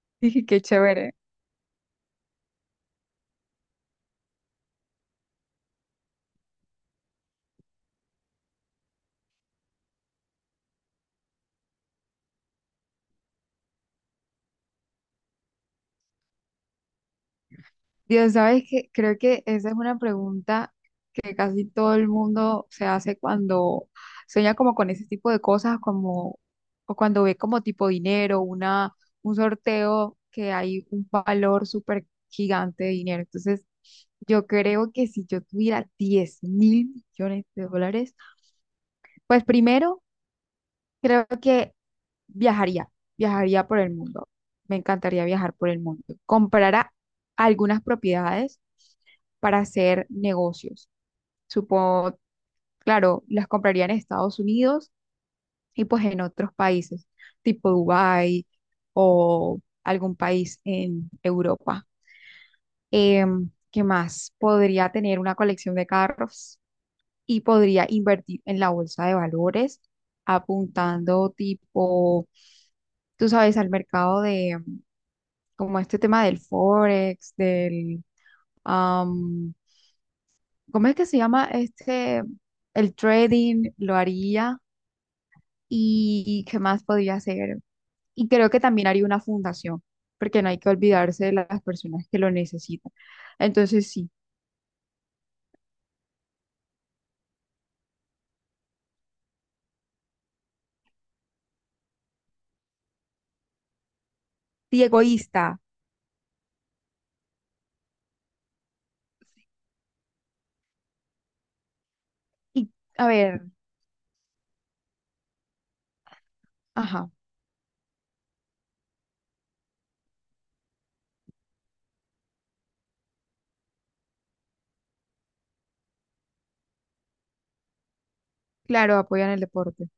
Dije, qué chévere. Dios, sabes que creo que esa es una pregunta que casi todo el mundo se hace cuando sueña como con ese tipo de cosas, como o cuando ve como tipo dinero, un sorteo que hay un valor súper gigante de dinero. Entonces, yo creo que si yo tuviera $10.000.000.000, pues primero creo que viajaría, viajaría por el mundo. Me encantaría viajar por el mundo. Comprará algunas propiedades para hacer negocios. Supongo, claro, las compraría en Estados Unidos y pues en otros países, tipo Dubái o algún país en Europa. ¿Qué más? Podría tener una colección de carros y podría invertir en la bolsa de valores apuntando tipo tú sabes, al mercado de como este tema del forex, am, ¿cómo es que se llama este? El trading, lo haría y qué más podría hacer. Y creo que también haría una fundación, porque no hay que olvidarse de las personas que lo necesitan. Entonces, sí, y egoísta. Y a ver, ajá, claro, apoyan el deporte.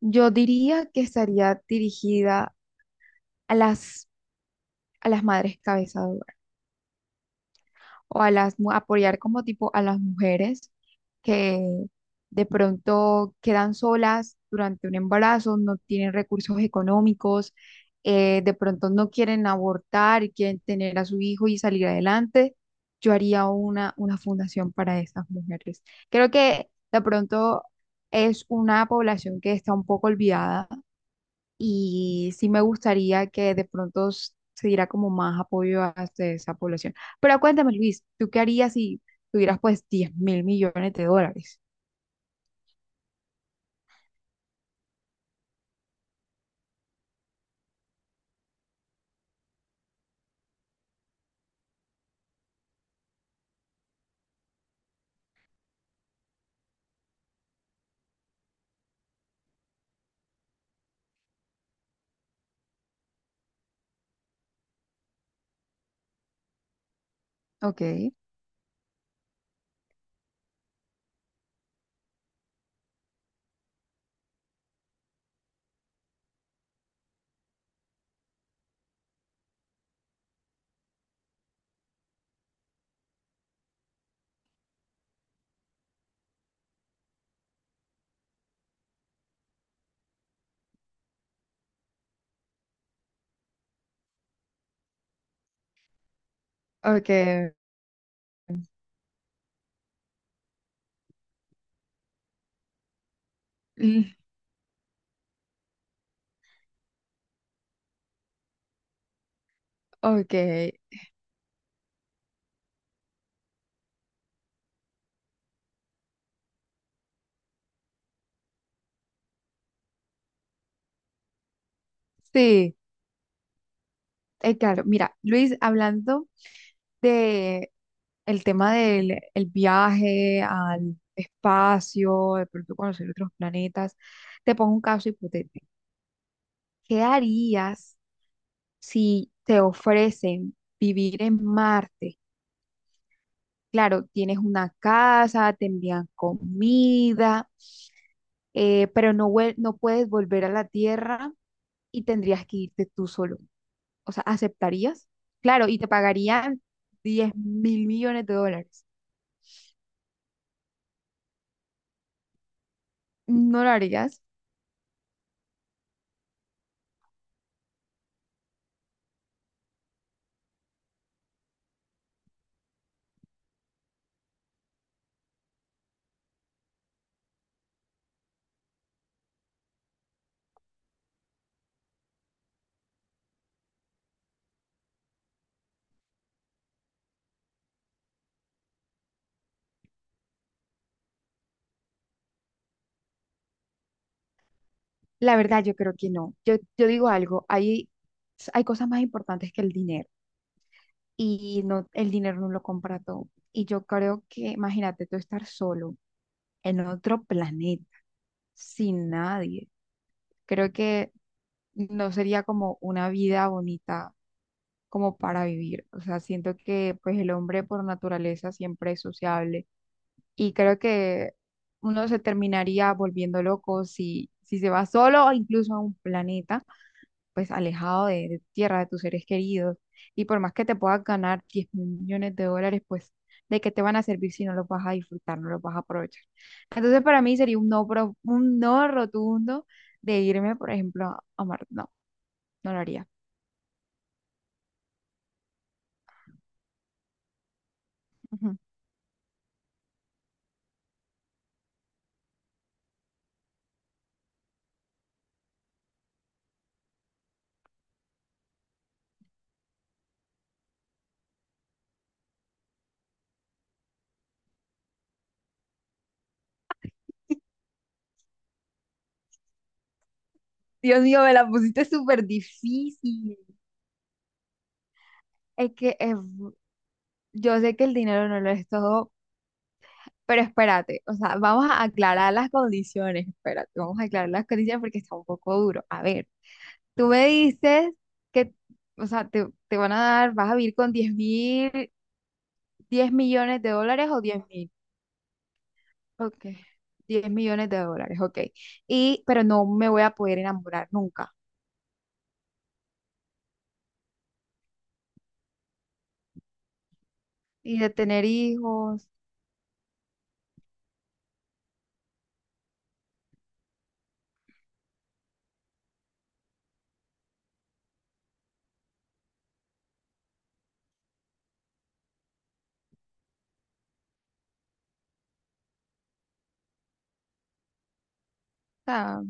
Yo diría que estaría dirigida a las, a las madres cabezadoras o apoyar como tipo a las mujeres que de pronto quedan solas durante un embarazo, no tienen recursos económicos, de pronto no quieren abortar y quieren tener a su hijo y salir adelante. Yo haría una fundación para esas mujeres. Creo que de pronto es una población que está un poco olvidada y sí me gustaría que de pronto se diera como más apoyo a esa población. Pero cuéntame, Luis, ¿tú qué harías si tuvieras pues $10.000.000.000? Ok. Ok. Mm. Ok. Sí. Claro, mira, Luis, hablando de el tema del el viaje al espacio, de pronto conocer otros planetas, te pongo un caso hipotético. ¿Qué harías si te ofrecen vivir en Marte, claro, tienes una casa, te envían comida, pero no, no puedes volver a la Tierra y tendrías que irte tú solo. O sea, ¿aceptarías? Claro, y te pagarían $10.000.000.000. ¿No lo harías? La verdad, yo creo que no. Yo digo algo, hay cosas más importantes que el dinero y no, el dinero no lo compra todo. Y yo creo que, imagínate, tú estar solo en otro planeta, sin nadie. Creo que no sería como una vida bonita como para vivir. O sea, siento que pues el hombre por naturaleza siempre es sociable y creo que uno se terminaría volviendo loco si se va solo o incluso a un planeta pues alejado de tu tierra, de tus seres queridos. Y por más que te puedas ganar $10.000.000, pues ¿de qué te van a servir si no los vas a disfrutar, no los vas a aprovechar? Entonces para mí sería un no, un no rotundo de irme, por ejemplo, a Marte. No, no lo haría. Ujú. Dios mío, me la pusiste súper difícil. Es que es, yo sé que el dinero no lo es todo, pero espérate, o sea, vamos a aclarar las condiciones, espérate, vamos a aclarar las condiciones porque está un poco duro. A ver, tú me dices que, o sea, te van a dar, vas a vivir con 10.000, $10.000.000 o 10.000. Ok. $10.000.000, ok. Y, pero no me voy a poder enamorar nunca. Y de tener hijos, o sea,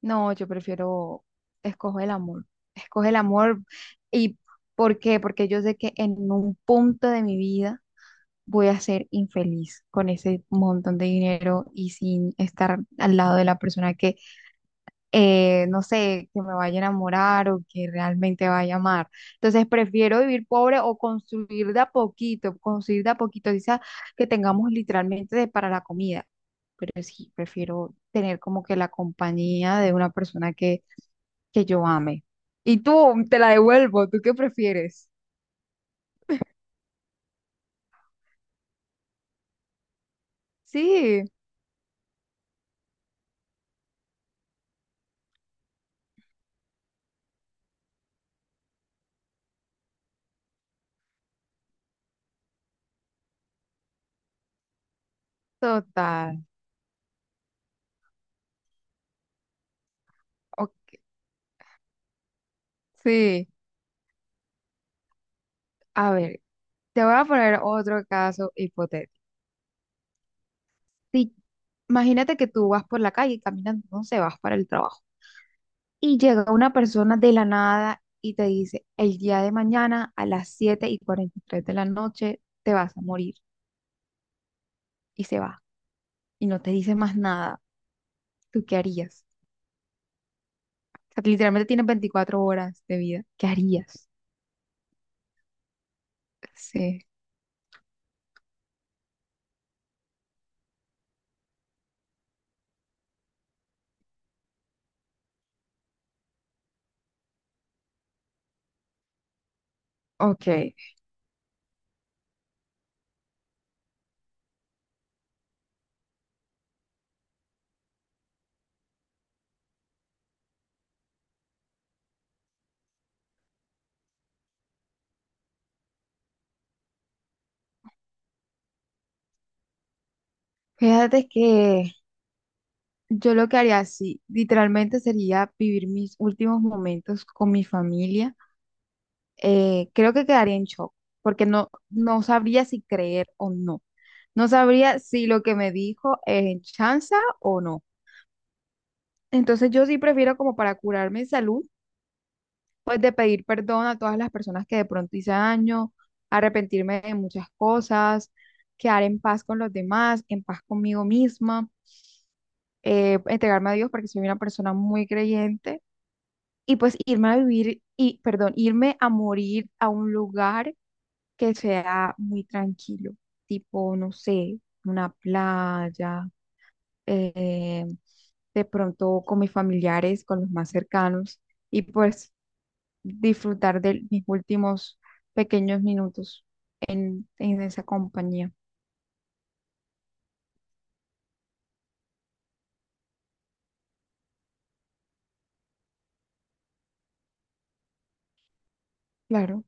no, yo prefiero, escojo el amor. Escojo el amor. ¿Y por qué? Porque yo sé que en un punto de mi vida voy a ser infeliz con ese montón de dinero y sin estar al lado de la persona que no sé, que me vaya a enamorar o que realmente vaya a amar. Entonces prefiero vivir pobre o construir de a poquito, construir de a poquito, quizás que tengamos literalmente para la comida. Pero sí, prefiero tener como que la compañía de una persona que yo ame. Y tú, te la devuelvo, ¿tú qué prefieres? Sí, total. Ok. Sí, a ver, te voy a poner otro caso hipotético. Si- Imagínate que tú vas por la calle caminando, no sé, vas para el trabajo y llega una persona de la nada y te dice, el día de mañana a las 7:43 de la noche te vas a morir y se va y no te dice más nada. ¿Tú qué harías? O sea, que literalmente tienes 24 horas de vida. ¿Qué harías? Sí, ok. Fíjate que yo lo que haría, sí, literalmente sería vivir mis últimos momentos con mi familia. Creo que quedaría en shock, porque no, no sabría si creer o no. No sabría si lo que me dijo es chanza o no. Entonces yo sí prefiero como para curar mi salud, pues de pedir perdón a todas las personas que de pronto hice daño, arrepentirme de muchas cosas, quedar en paz con los demás, en paz conmigo misma, entregarme a Dios porque soy una persona muy creyente y pues irme a vivir y, perdón, irme a morir a un lugar que sea muy tranquilo, tipo, no sé, una playa, eh, de pronto con mis familiares, con los más cercanos, y pues disfrutar de mis últimos pequeños minutos en esa compañía. Claro,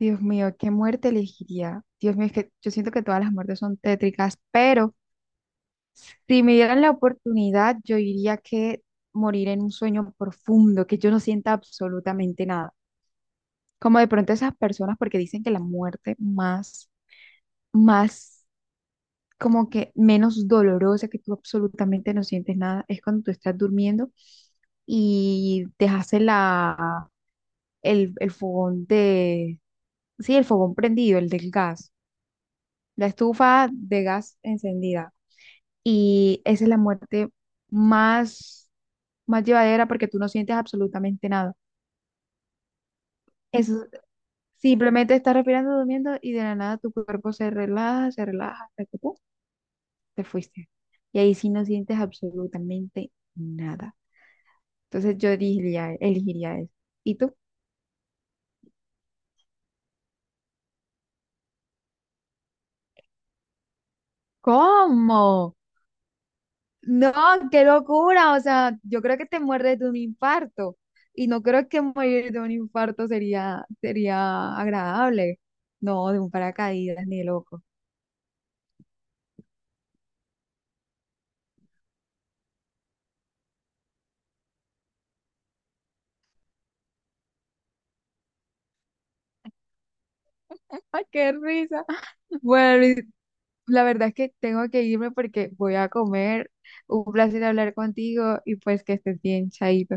Dios mío, ¿qué muerte elegiría? Dios mío, es que yo siento que todas las muertes son tétricas, pero si me dieran la oportunidad, yo diría que morir en un sueño profundo, que yo no sienta absolutamente nada como de pronto esas personas, porque dicen que la muerte más, más, como que menos dolorosa, que tú absolutamente no sientes nada, es cuando tú estás durmiendo y dejaste el fogón de, sí, el fogón prendido, el del gas, la estufa de gas encendida. Y esa es la muerte más, más llevadera porque tú no sientes absolutamente nada. Eso simplemente estás respirando, durmiendo y de la nada tu cuerpo se relaja, hasta que ¡pum! Te fuiste. Y ahí sí no sientes absolutamente nada. Entonces yo elegiría, elegiría eso. ¿Y tú? ¿Cómo? No, qué locura. O sea, yo creo que te muerdes de un infarto. Y no creo que morir de un infarto sería, sería agradable. No, de un paracaídas, ni loco. ¡Ay, qué risa! Bueno, Luis, la verdad es que tengo que irme porque voy a comer. Un placer hablar contigo y pues que estés bien, chaito.